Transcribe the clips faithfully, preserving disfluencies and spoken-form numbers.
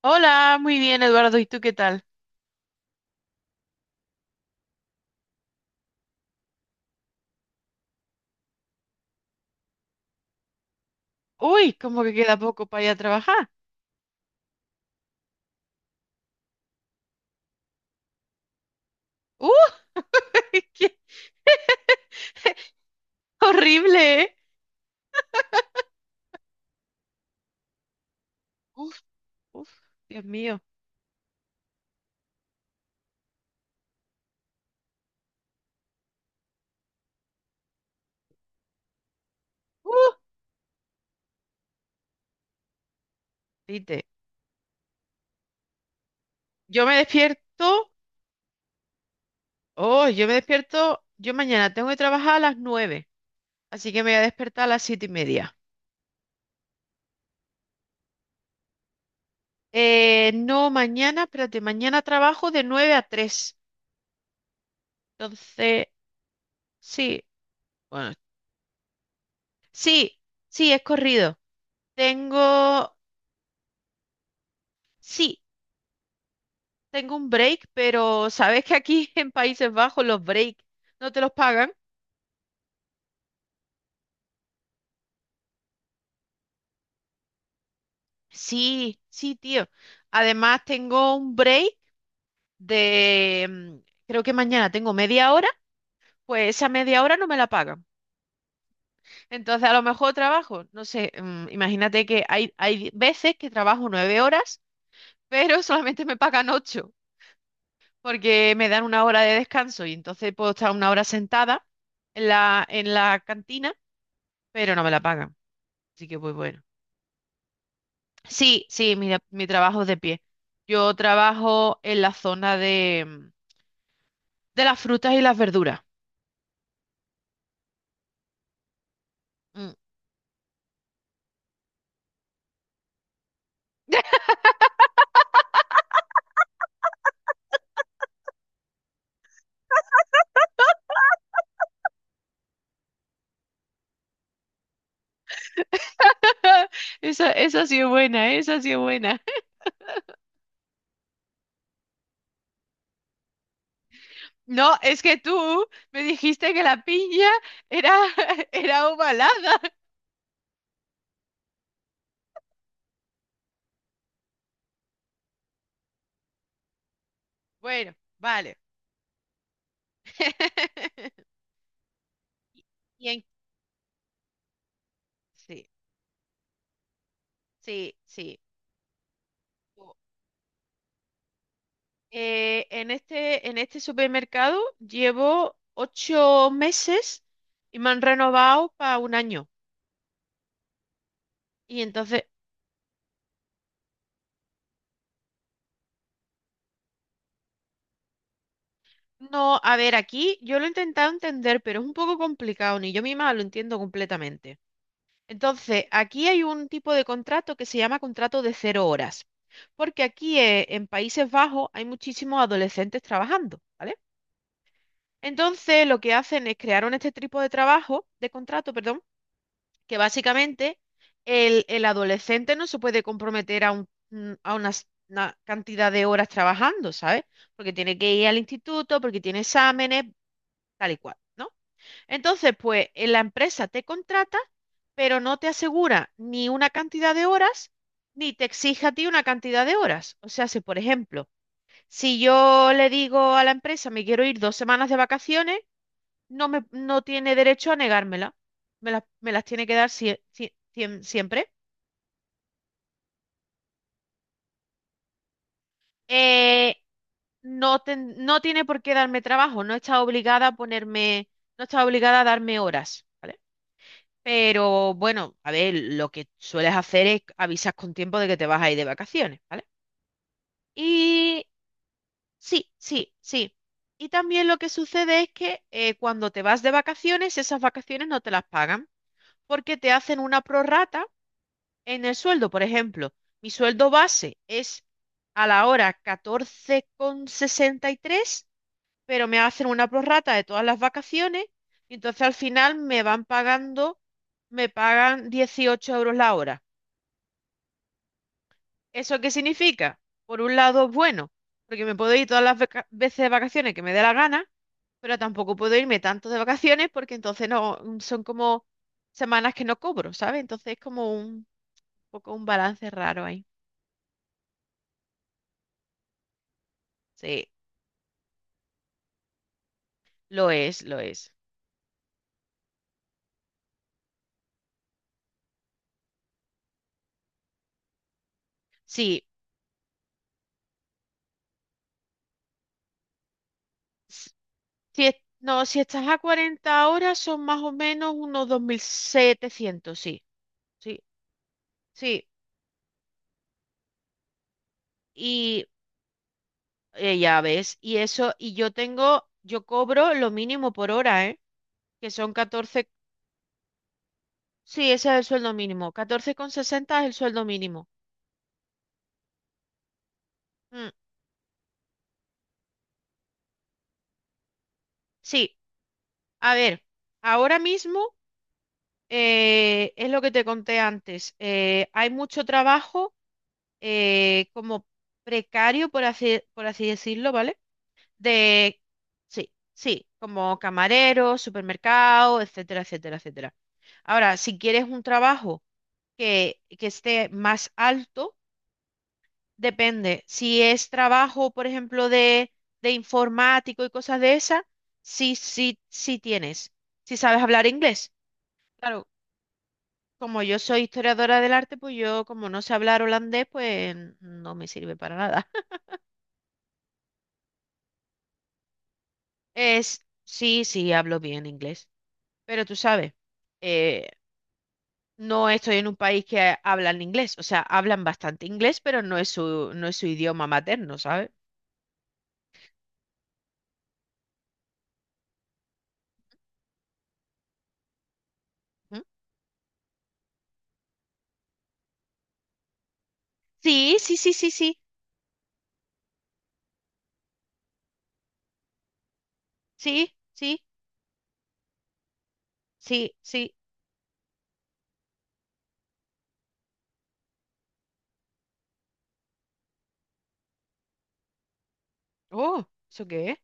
Hola, muy bien, Eduardo. ¿Y tú qué tal? Uy, como que queda poco para ir a trabajar. ¡Uy! ¡Qué horrible! ¿Eh? Uf, uf, Dios mío. ¡Uh! Dite, yo me despierto. Oh, yo me despierto. Yo mañana tengo que trabajar a las nueve, así que me voy a despertar a las siete y media. Eh, no, mañana, espérate, mañana trabajo de nueve a tres. Entonces, sí, bueno, sí, sí, es corrido. Tengo, sí. Tengo un break, pero ¿sabes que aquí en Países Bajos los breaks no te los pagan? Sí, sí, tío. Además, tengo un break de, mm, creo que mañana tengo media hora, pues esa media hora no me la pagan. Entonces, a lo mejor trabajo, no sé, mm, imagínate que hay, hay veces que trabajo nueve horas, pero solamente me pagan ocho, porque me dan una hora de descanso y entonces puedo estar una hora sentada en la, en la cantina, pero no me la pagan. Así que, pues bueno. Sí, sí, mira, mi trabajo es de pie. Yo trabajo en la zona de, mm, de las frutas y las verduras. Mm. Esa, esa sí es buena, esa sí es buena. No, es que tú me dijiste que la piña era, era ovalada. Bueno, vale. Y en- sí, sí, sí. O- eh, en este, en este supermercado llevo ocho meses y me han renovado para un año. Y entonces, no, a ver, aquí yo lo he intentado entender, pero es un poco complicado, ni yo misma lo entiendo completamente. Entonces, aquí hay un tipo de contrato que se llama contrato de cero horas, porque aquí eh, en Países Bajos hay muchísimos adolescentes trabajando, ¿vale? Entonces, lo que hacen es crear un este tipo de trabajo, de contrato, perdón, que básicamente el, el adolescente no se puede comprometer a un- un- a unas- una cantidad de horas trabajando, ¿sabes? Porque tiene que ir al instituto, porque tiene exámenes, tal y cual, ¿no? Entonces, pues eh, la empresa te contrata, pero no te asegura ni una cantidad de horas, ni te exige a ti una cantidad de horas. O sea, si por ejemplo, si yo le digo a la empresa, me quiero ir dos semanas de vacaciones, no me, no tiene derecho a negármela. Me las, me las tiene que dar sie- sie- siem- siempre. Eh, no, ten- no tiene por qué darme trabajo, no está obligada a ponerme, no está obligada a darme horas, ¿vale? Pero bueno, a ver, lo que sueles hacer es avisas con tiempo de que te vas a ir de vacaciones, ¿vale? Y sí, sí, sí. Y también lo que sucede es que eh, cuando te vas de vacaciones, esas vacaciones no te las pagan porque te hacen una prorrata en el sueldo. Por ejemplo, mi sueldo base es a la hora catorce con sesenta y tres, pero me hacen una prorrata de todas las vacaciones y entonces al final me van pagando, me pagan 18 euros la hora. ¿Eso qué significa? Por un lado, es bueno, porque me puedo ir todas las vaca- veces de vacaciones que me dé la gana, pero tampoco puedo irme tanto de vacaciones porque entonces no mm, son como semanas que no cobro, ¿sabes? Entonces es como un poco un balance raro ahí. Sí, lo es, lo es. Sí, s- si es- no, si estás a cuarenta horas son más o menos unos dos mil setecientos, sí, sí, sí. Y eh, ya ves, y eso, y yo tengo, yo cobro lo mínimo por hora, ¿eh? Que son catorce. Sí, ese es el sueldo mínimo. Catorce con sesenta es el sueldo mínimo. Mm, sí, a ver, ahora mismo eh, es lo que te conté antes. Eh, hay mucho trabajo eh, como precario, por así, por así decirlo, ¿vale? De, sí, sí, como camarero, supermercado, etcétera, etcétera, etcétera. Ahora, si quieres un trabajo que, que esté más alto. Depende. Si es trabajo, por ejemplo, de, de informático y cosas de esas, sí, sí, sí tienes. Si sabes hablar inglés. Claro, como yo soy historiadora del arte, pues yo, como no sé hablar holandés, pues no me sirve para nada. Es, sí, sí, hablo bien inglés. Pero tú sabes, eh, no estoy en un país que hablan inglés. O sea, hablan bastante inglés, pero no es su, no es su idioma materno, ¿sabes? ¿Mm? Sí, sí, sí, sí, sí, sí, sí, sí, sí. Oh, ¿eso qué es?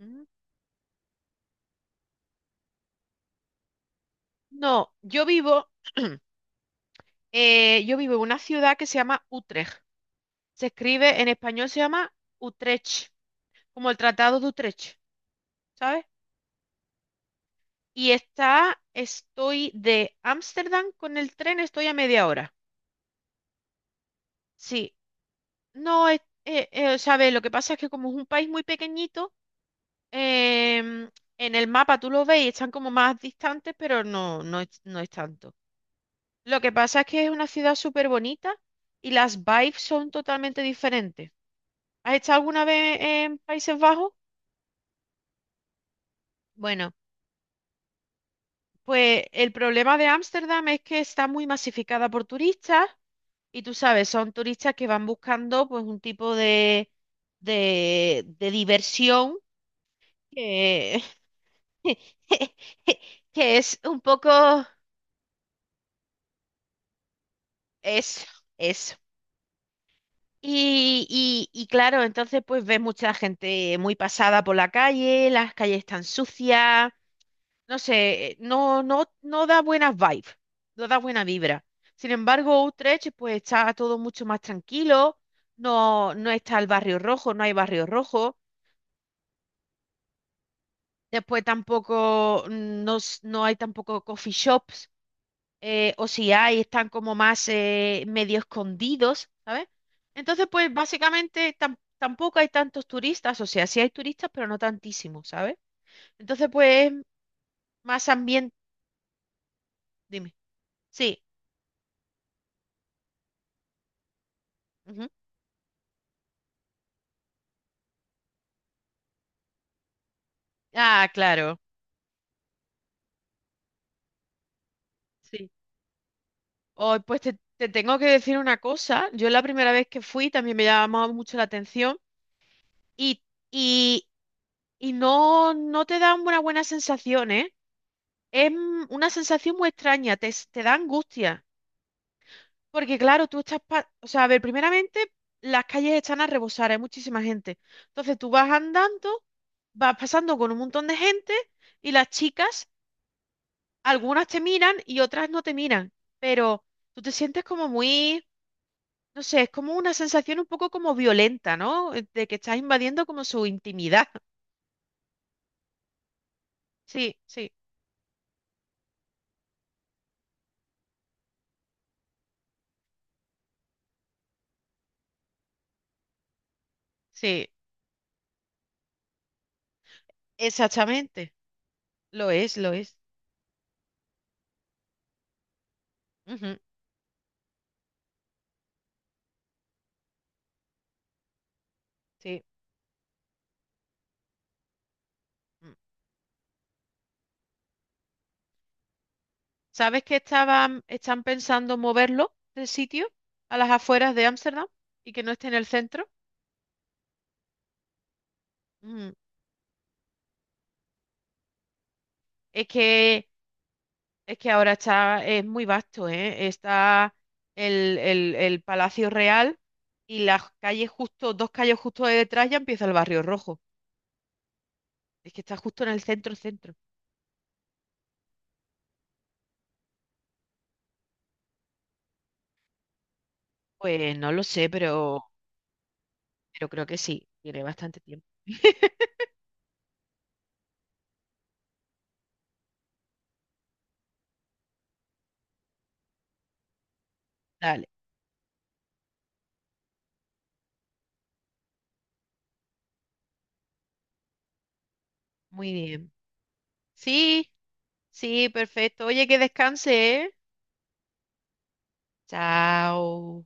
Mm. No, yo vivo, eh, yo vivo en una ciudad que se llama Utrecht. Se escribe en español, se llama Utrecht, como el Tratado de Utrecht, ¿sabes? Y está, estoy de Ámsterdam con el tren, estoy a media hora. Sí, no, es, eh, eh, ¿sabes? Lo que pasa es que como es un país muy pequeñito, em, en el mapa tú lo ves y están como más distantes, pero no, no es, no es tanto. Lo que pasa es que es una ciudad súper bonita y las vibes son totalmente diferentes. ¿Has estado alguna vez en Países Bajos? Bueno, pues el problema de Ámsterdam es que está muy masificada por turistas y tú sabes, son turistas que van buscando pues un tipo de, de, de diversión que, que es un poco eso, eso. Y, y, y claro, entonces pues ves mucha gente muy pasada por la calle, las calles están sucias, no sé, eh, no, no, no da buenas vibes, no da buena vibra. Sin embargo, Utrecht pues está todo mucho más tranquilo, no, no está el barrio rojo, no hay barrio rojo, después tampoco mm, no, s- no hay tampoco coffee shops eh, o si hay, están como más eh, medio escondidos, ¿sabes? Entonces, pues básicamente tam- tampoco hay tantos turistas, o sea, sí hay turistas, pero no tantísimos, ¿sabes? Entonces, pues más ambiente, dime. Sí. Ujú. Ah, claro. Sí. Hoy, pues te, te tengo que decir una cosa, yo la primera vez que fui también me llamaba mucho la atención y, y, y no, no te dan una buena sensación, ¿eh? Es mm, una sensación muy extraña, te, s- te da angustia. Porque claro, tú estás, pa- o sea, a ver, primeramente las calles están a rebosar, hay muchísima gente. Entonces tú vas andando, vas pasando con un montón de gente y las chicas, algunas te miran y otras no te miran, pero tú te sientes como muy, no sé, es como una sensación un poco como violenta, ¿no? Eh, De que estás invadiendo como su intimidad. Sí, sí, sí, exactamente. Lo es, lo es. Ujú, sí. Mm. ¿Sabes que estaban, están pensando moverlo del sitio a las afueras de Ámsterdam y que no esté en el centro? Mm, es que, es que ahora está, es muy vasto, ¿eh? Está el, el- el Palacio Real y las calles justo, dos calles justo de detrás ya empieza el Barrio Rojo. Es que está justo en el centro, centro. Pues no lo sé, pero, pero creo que sí, tiene bastante tiempo. Dale, muy bien. Sí, sí, perfecto. Oye, que descanse, ¿eh? Chao.